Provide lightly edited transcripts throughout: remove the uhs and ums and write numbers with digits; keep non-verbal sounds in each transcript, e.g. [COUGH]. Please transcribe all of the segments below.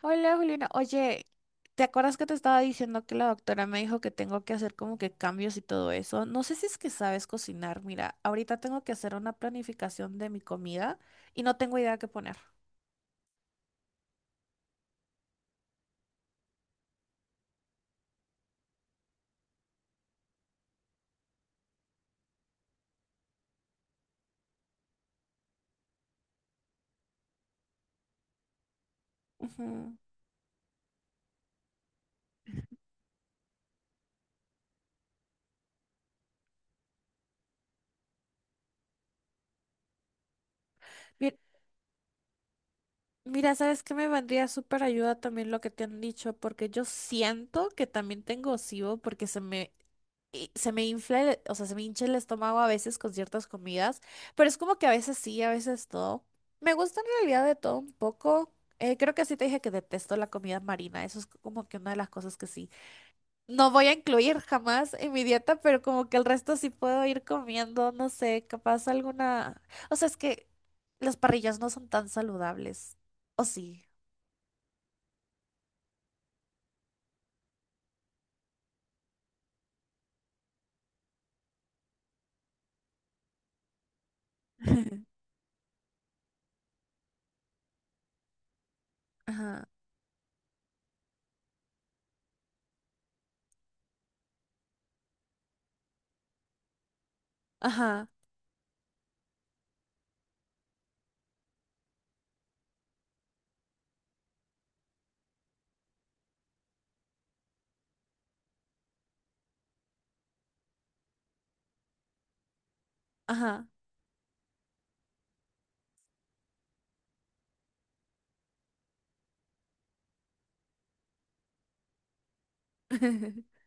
Hola Juliana, oye, ¿te acuerdas que te estaba diciendo que la doctora me dijo que tengo que hacer como que cambios y todo eso? No sé si es que sabes cocinar. Mira, ahorita tengo que hacer una planificación de mi comida y no tengo idea qué poner. Ujú. Mi- Mira, ¿sabes qué me vendría súper ayuda también lo que te han dicho? Porque yo siento que también tengo SIBO porque se me y se me infla, o sea, se me hincha el estómago a veces con ciertas comidas, pero es como que a veces sí, a veces no. Me gusta en realidad de todo un poco. Creo que sí te dije que detesto la comida marina, eso es como que una de las cosas que sí. No voy a incluir jamás en mi dieta, pero como que el resto sí puedo ir comiendo, no sé, capaz alguna... O sea, es que las parrillas no son tan saludables, ¿o sí? [LAUGHS] Ajá, ajá, ajá. [LAUGHS]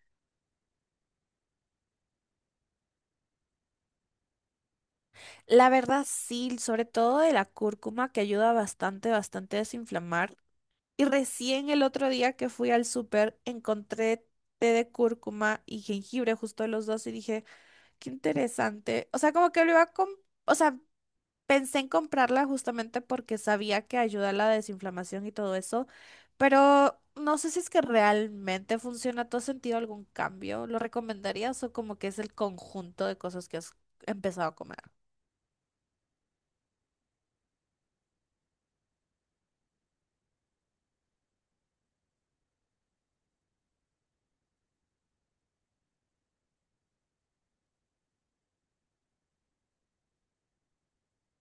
La verdad sí, sobre todo de la cúrcuma que ayuda bastante, bastante a desinflamar. Y recién el otro día que fui al súper encontré té de cúrcuma y jengibre, justo de los dos, y dije, qué interesante. O sea, como que lo iba a o sea, pensé en comprarla justamente porque sabía que ayuda a la desinflamación y todo eso, pero no sé si es que realmente funciona. ¿Tú has sentido algún cambio? ¿Lo recomendarías o como que es el conjunto de cosas que has empezado a comer?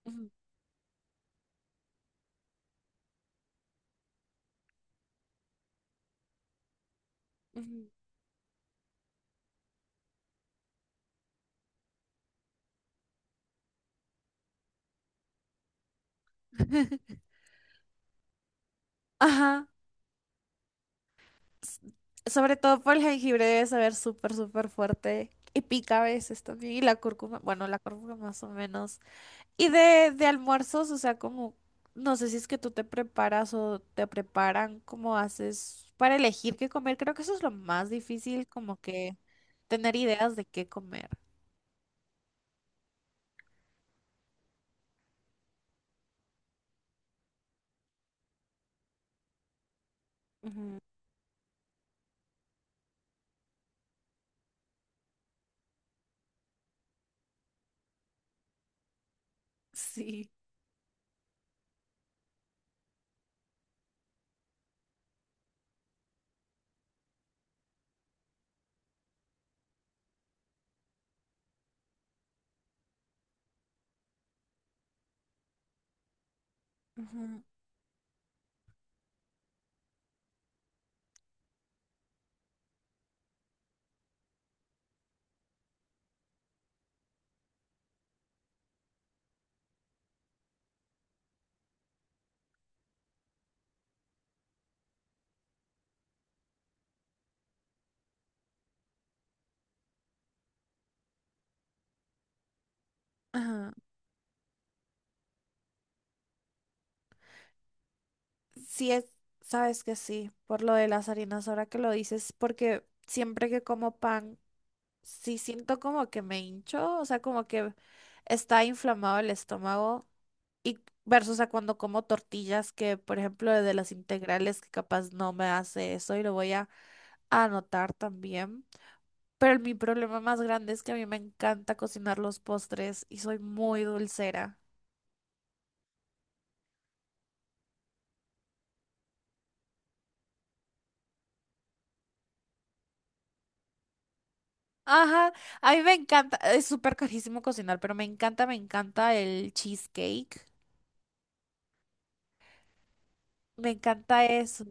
Ujú, ujú. [LAUGHS] Ajá. S- Sobre todo por el jengibre debe saber súper, súper fuerte. Y pica a veces también. Y la cúrcuma, bueno, la cúrcuma más o menos. Y de almuerzos, o sea, como, no sé si es que tú te preparas o te preparan, cómo haces para elegir qué comer. Creo que eso es lo más difícil, como que tener ideas de qué comer. Ujú, sí, ujú. Ajá. Sí, es, sabes que sí, por lo de las harinas, ahora que lo dices, porque siempre que como pan. Sí siento como que me hincho, o sea, como que está inflamado el estómago y versus a cuando como tortillas que, por ejemplo, de las integrales que capaz no me hace eso y lo voy a anotar también. Pero mi problema más grande es que a mí me encanta cocinar los postres y soy muy dulcera. Ajá, a mí me encanta, es súper carísimo cocinar, pero me encanta el cheesecake, me encanta eso.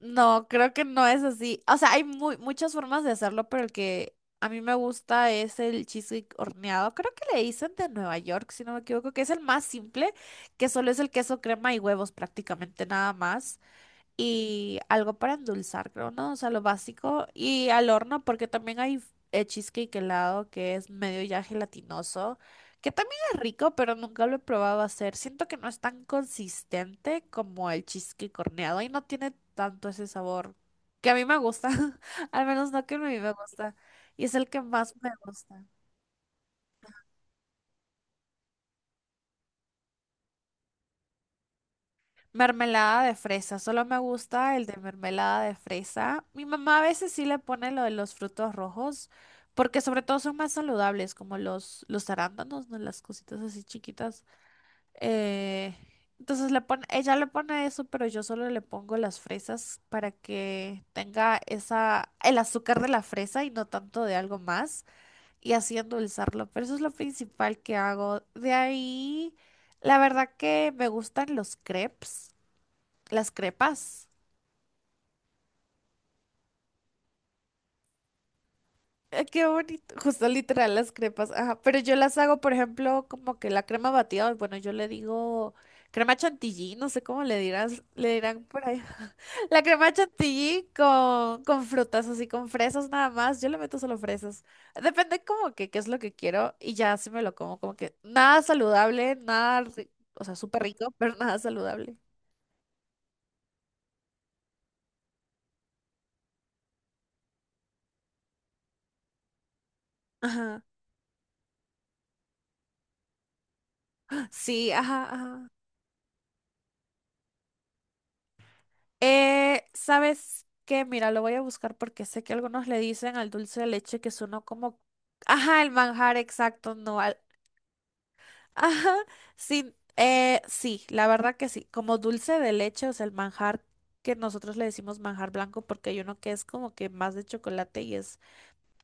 No, creo que no es así. O sea, hay muy, muchas formas de hacerlo, pero el que a mí me gusta es el cheesecake horneado. Creo que le dicen de Nueva York, si no me equivoco, que es el más simple, que solo es el queso, crema y huevos prácticamente nada más y algo para endulzar, creo, ¿no? O sea, lo básico. Y al horno, porque también hay cheesecake helado que es medio ya gelatinoso, que también es rico, pero nunca lo he probado a hacer. Siento que no es tan consistente como el cheesecake horneado y no tiene tanto ese sabor que a mí me gusta, [LAUGHS] al menos no que a mí me gusta. Y es el que más me gusta. Mermelada de fresa, solo me gusta el de mermelada de fresa. Mi mamá a veces sí le pone lo de los frutos rojos, porque sobre todo son más saludables, como los arándanos, ¿no? Las cositas así chiquitas. Eh, entonces le pone, ella le pone eso, pero yo solo le pongo las fresas para que tenga esa, el azúcar de la fresa y no tanto de algo más, y así endulzarlo. Pero eso es lo principal que hago. De ahí, la verdad que me gustan los crepes. Las crepas. Ay, qué bonito. Justo literal, las crepas. Ajá. Pero yo las hago, por ejemplo, como que la crema batida. Bueno, yo le digo crema chantilly, no sé cómo le dirás, le dirán por ahí. [LAUGHS] La crema chantilly con frutas, así con fresas nada más. Yo le meto solo fresas. Depende como que qué es lo que quiero y ya se me lo como. Como que nada saludable, nada, o sea, súper rico, pero nada saludable. Ajá. Sí, ajá, ajá. ¿Sabes qué? Mira, lo voy a buscar porque sé que algunos le dicen al dulce de leche que es como... Ajá, el manjar exacto, no al... [LAUGHS] Ajá, sí, sí, la verdad que sí. Como dulce de leche, o sea, el manjar que nosotros le decimos manjar blanco porque hay uno que es como que más de chocolate y es...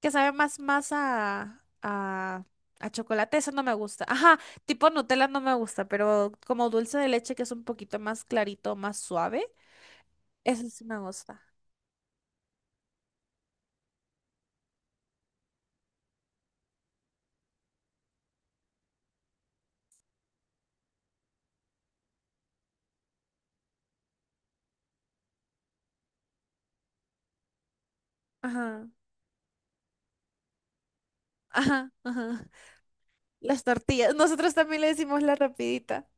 que sabe más, más a chocolate, eso no me gusta. [LAUGHS] Ajá, tipo Nutella no me gusta, pero como dulce de leche que es un poquito más clarito, más suave, eso sí me gusta. Ajá. Ajá, ajá. Las tortillas. Nosotros también le decimos la rapidita.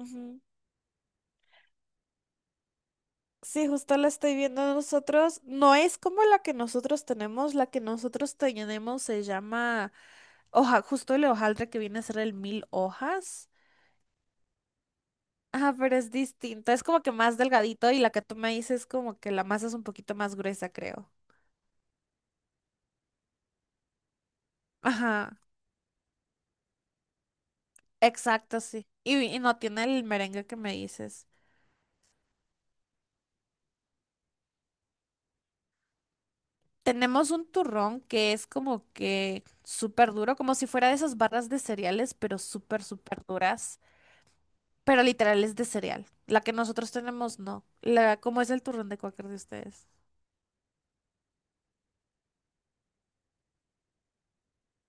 Ujú. Sí, justo la estoy viendo nosotros. No es como la que nosotros tenemos. La que nosotros tenemos se llama hoja, justo el hojaldre que viene a ser el mil hojas. Ajá, pero es distinto. Es como que más delgadito y la que tú me dices es como que la masa es un poquito más gruesa, creo. Ajá, exacto, sí. Y no tiene el merengue que me dices. Tenemos un turrón que es como que súper duro, como si fuera de esas barras de cereales, pero súper, súper duras. Pero literal es de cereal. La que nosotros tenemos, no. La, ¿cómo es el turrón de cualquier de ustedes?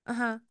Ajá.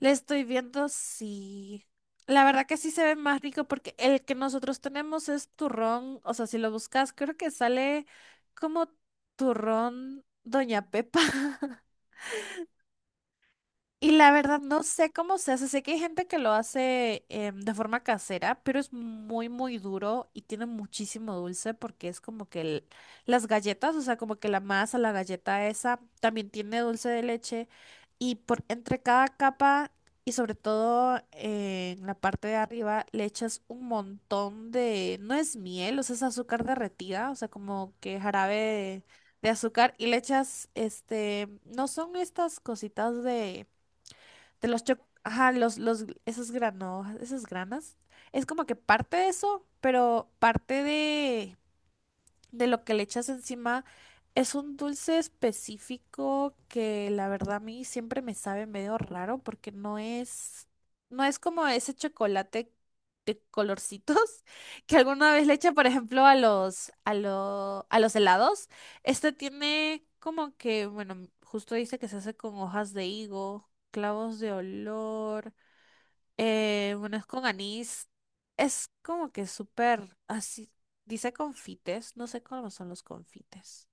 Le estoy viendo si... La verdad que sí se ve más rico porque el que nosotros tenemos es turrón. O sea, si lo buscas, creo que sale como turrón Doña Pepa. [LAUGHS] Y la verdad, no sé cómo se hace. Sé que hay gente que lo hace de forma casera, pero es muy, muy duro y tiene muchísimo dulce porque es como que las galletas, o sea, como que la masa, la galleta esa, también tiene dulce de leche. Y por entre cada capa y sobre todo en la parte de arriba le echas un montón de, no es miel, o sea, es azúcar derretida, o sea, como que jarabe de azúcar y le echas, este, no son estas cositas de de los cho- ajá, los, esos granos, esas granas, es como que parte de eso, pero parte de lo que le echas encima. Es un dulce específico que la verdad a mí siempre me sabe medio raro porque no es, no es como ese chocolate de colorcitos [LAUGHS] que alguna vez le echa, por ejemplo, a los, a los helados. Este tiene como que, bueno, justo dice que se hace con hojas de higo, clavos de olor. Bueno, es con anís. Es como que súper así. Dice confites. No sé cómo son los confites.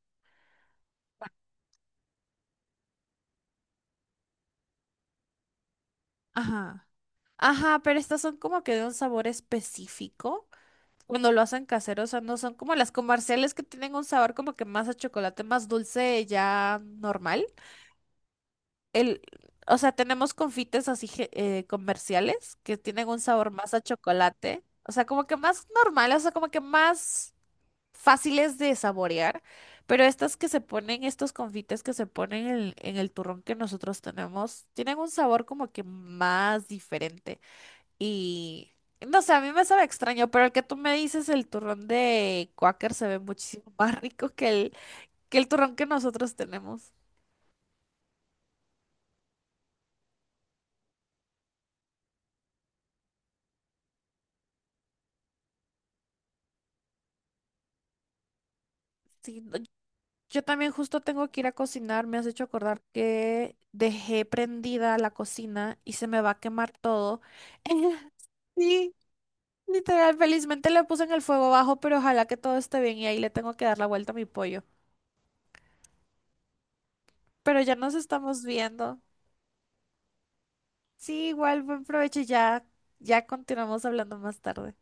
Ajá. Ajá, pero estas son como que de un sabor específico. Cuando lo hacen casero, o sea, no son como las comerciales que tienen un sabor como que más a chocolate, más dulce, ya normal. El, o sea, tenemos confites así comerciales que tienen un sabor más a chocolate. O sea, como que más normal, o sea, como que más. Fáciles de saborear, pero estas que se ponen, estos confites que se ponen en el turrón que nosotros tenemos, tienen un sabor como que más diferente. Y no sé, a mí me sabe extraño, pero el que tú me dices, el turrón de Quaker se ve muchísimo [LAUGHS] más rico que el turrón que nosotros tenemos. Sí, no, yo también justo tengo que ir a cocinar, me has hecho acordar que dejé prendida la cocina y se me va a quemar todo. [LAUGHS] Sí, literal, felizmente le puse en el fuego bajo, pero ojalá que todo esté bien y ahí le tengo que dar la vuelta a mi pollo. Pero ya nos estamos viendo. Sí, igual, buen provecho y ya, ya continuamos hablando más tarde.